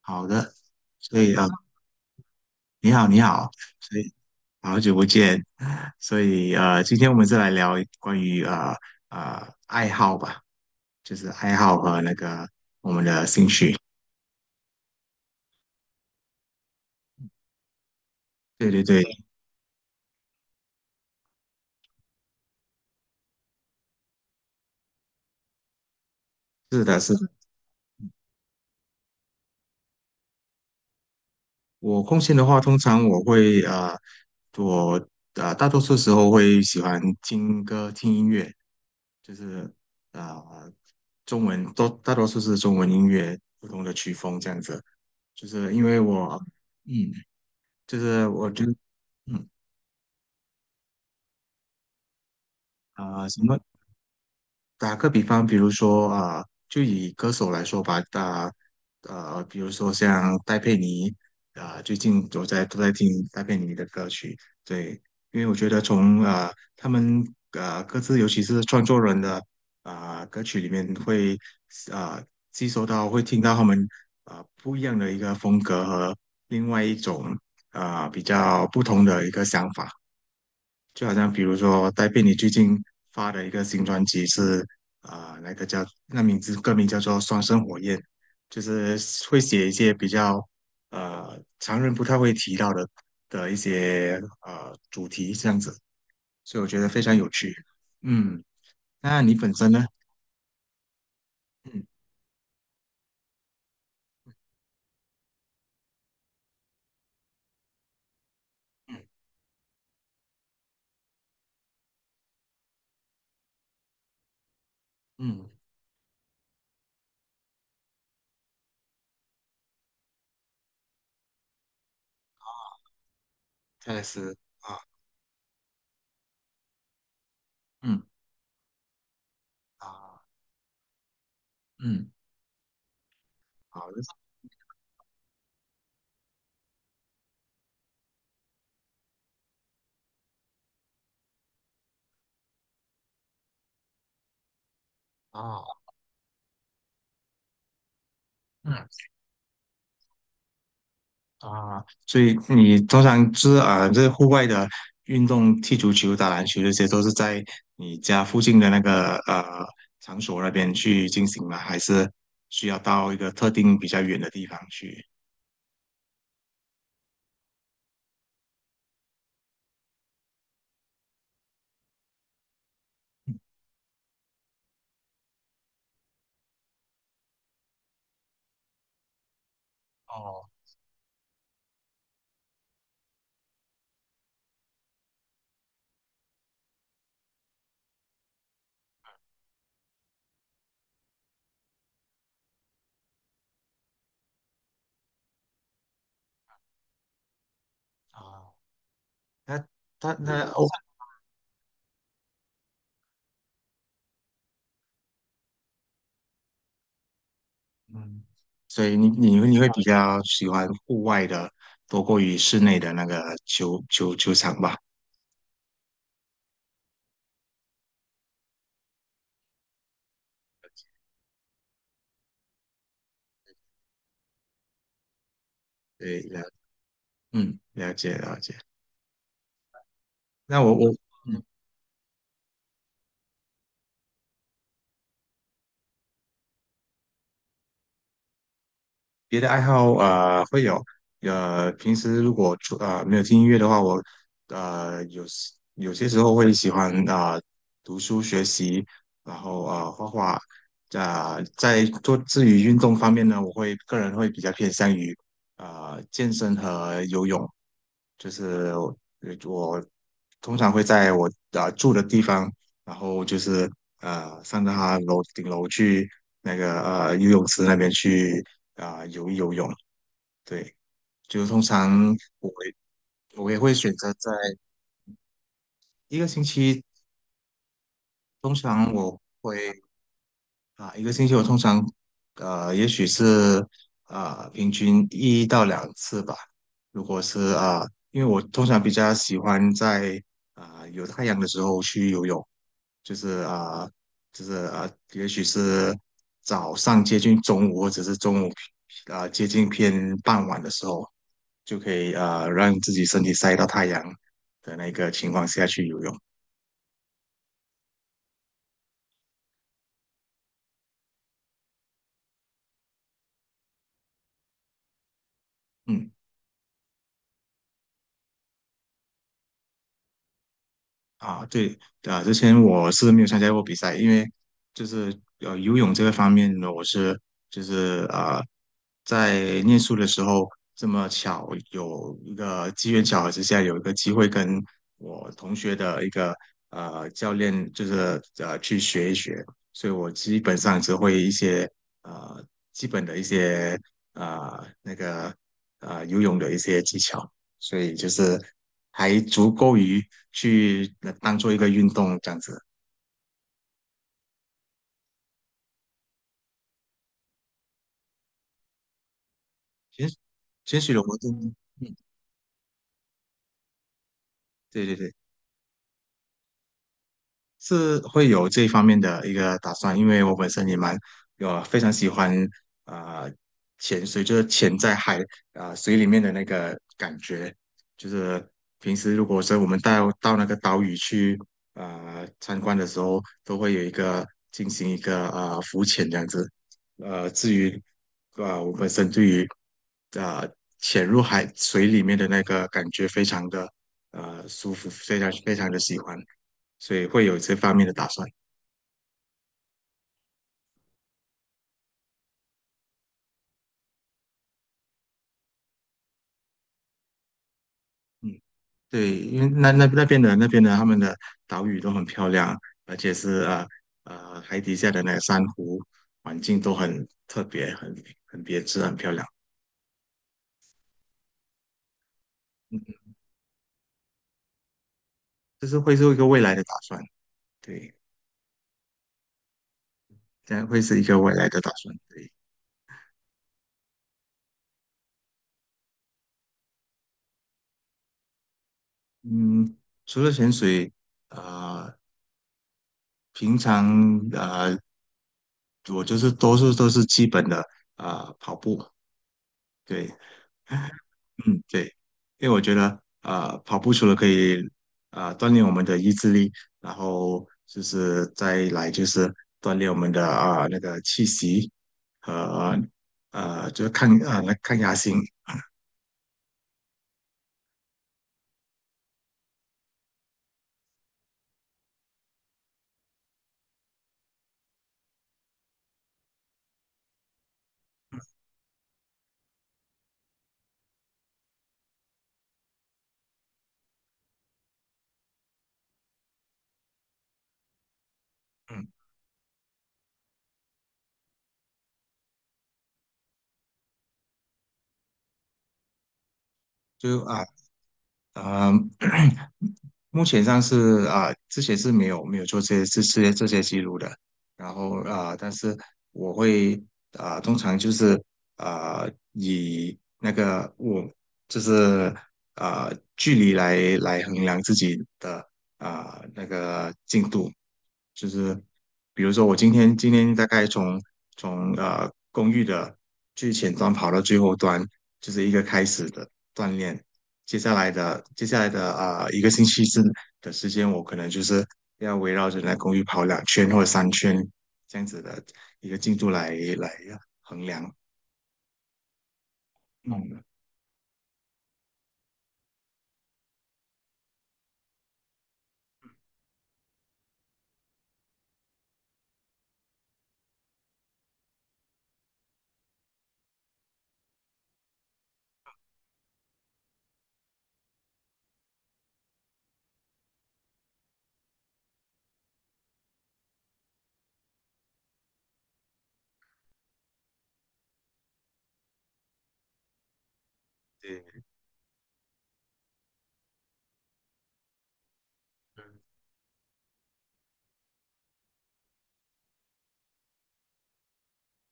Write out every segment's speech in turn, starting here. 好的，所以你好，你好，所以好久不见，所以今天我们再来聊关于爱好吧，就是爱好和那个我们的兴趣。对对对，是的，是的。我空闲的话，通常我大多数时候会喜欢听歌、听音乐，就是呃中文都大多数是中文音乐，不同的曲风这样子。就是因为我嗯就是我就嗯啊、什么打个比方，比如说就以歌手来说吧，比如说像戴佩妮最近我都在听戴佩妮的歌曲，对，因为我觉得从他们各自，尤其是创作人的歌曲里面会啊、吸收到，会听到他们不一样的一个风格和另外一种比较不同的一个想法。就好像比如说戴佩妮最近发的一个新专辑是啊、呃那个叫那名字歌名叫做《双生火焰》，就是会写一些比较常人不太会提到的一些主题这样子，所以我觉得非常有趣。嗯，那你本身呢？嗯嗯嗯，泰勒斯啊，嗯啊嗯，好的啊，嗯。啊，所以你通常就是这户外的运动，踢足球、打篮球这些，都是在你家附近的那个场所那边去进行吗？还是需要到一个特定比较远的地方去？哦，那那那哦，所以你会比较喜欢户外的，多过于室内的那个球场吧？对，了，嗯，了解了解。那我我。嗯别的爱好会有，平时如果出没有听音乐的话，我有些时候会喜欢读书学习，然后画画，在做至于运动方面呢，个人会比较偏向于健身和游泳，就是我通常会在我住的地方，然后就是上到他顶楼去那个游泳池那边去。游泳，对，就通常我会我也会选择在一个星期，通常我会啊、一个星期我通常也许是平均一到两次吧，如果是因为我通常比较喜欢在有太阳的时候去游泳，就是就是啊、呃也许是早上接近中午或者是中午接近偏傍晚的时候。就可以让自己身体晒到太阳的那个情况下去游泳。嗯。啊，对啊，之前我是没有参加过比赛，因为就是游泳这个方面呢，就是在念书的时候，这么巧有一个机缘巧合之下，有一个机会跟我同学的一个教练，就是去学一学，所以我基本上只会一些呃基本的一些呃那个游泳的一些技巧。所以就是还足够于去当做一个运动这样子。潜潜水的活动，对对对。是会有这方面的一个打算，因为我本身也蛮有非常喜欢啊、呃潜水，就是潜在海水里面的那个感觉，就是平时如果说我们到那个岛屿去参观的时候，都会有一个进行一个浮潜这样子。至于我本身对于啊、呃潜入海水里面的那个感觉非常的舒服，非常非常的喜欢。所以会有这方面的打算。嗯，对，因为那边的他们的岛屿都很漂亮，而且是海底下的那个珊瑚环境都很特别，很别致，很漂亮。嗯，这是会是一个未来的打算，对，这样会是一个未来的打算，对，嗯，除了潜水，呃，平常我就是多数都是基本的跑步，对，嗯，对，因为我觉得，啊，跑步除了可以，锻炼我们的意志力，然后就是再来就是锻炼我们的那个气息和就是抗压性，嗯，就啊、目前上是啊、之前是没有做这些记录的，然后但是我会通常就是啊、以那个我就是啊、距离来衡量自己的那个进度，就是比如说我今天大概从公寓的最前端跑到最后端，就是一个开始的锻炼。接下来的一个星期之的时间，我可能就是要围绕着那公寓跑两圈或者三圈这样子的一个进度来衡量。嗯，对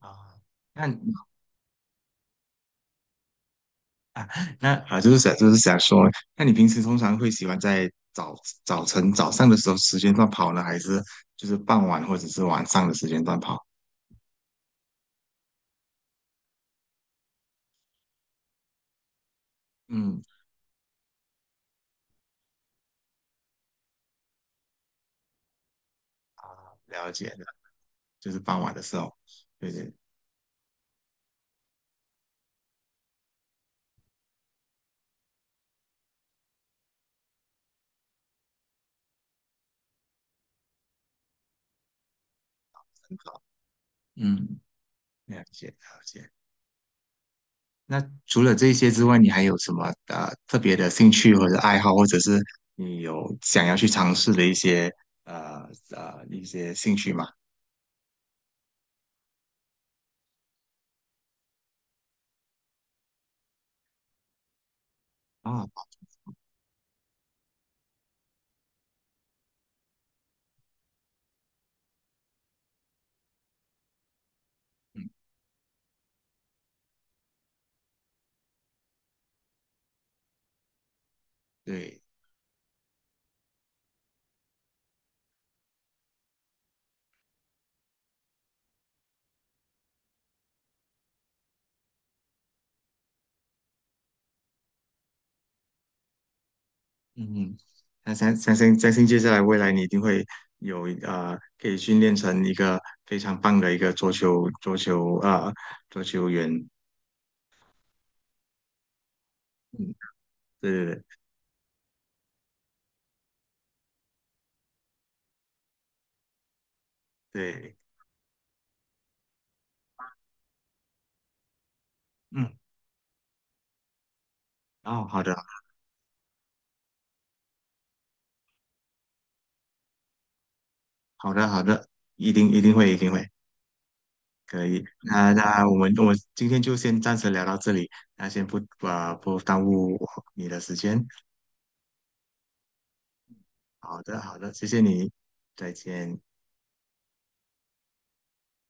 啊，那那啊，就是想说，那你平时通常会喜欢在早上的时候时间段跑呢，还是就是傍晚或者是晚上的时间段跑？嗯，啊，了解的，就是傍晚的时候，对对，很好，嗯，了解了解。那除了这些之外，你还有什么特别的兴趣或者爱好，或者是你有想要去尝试的一些兴趣吗？啊，嗯，对。嗯，嗯，那相信接下来未来你一定会有可以训练成一个非常棒的一个桌球员。嗯，对对对，嗯，哦，好的好的好的，一定一定会一定会可以。那我今天就先暂时聊到这里，那先不耽误你的时间。好的好的，谢谢你，再见。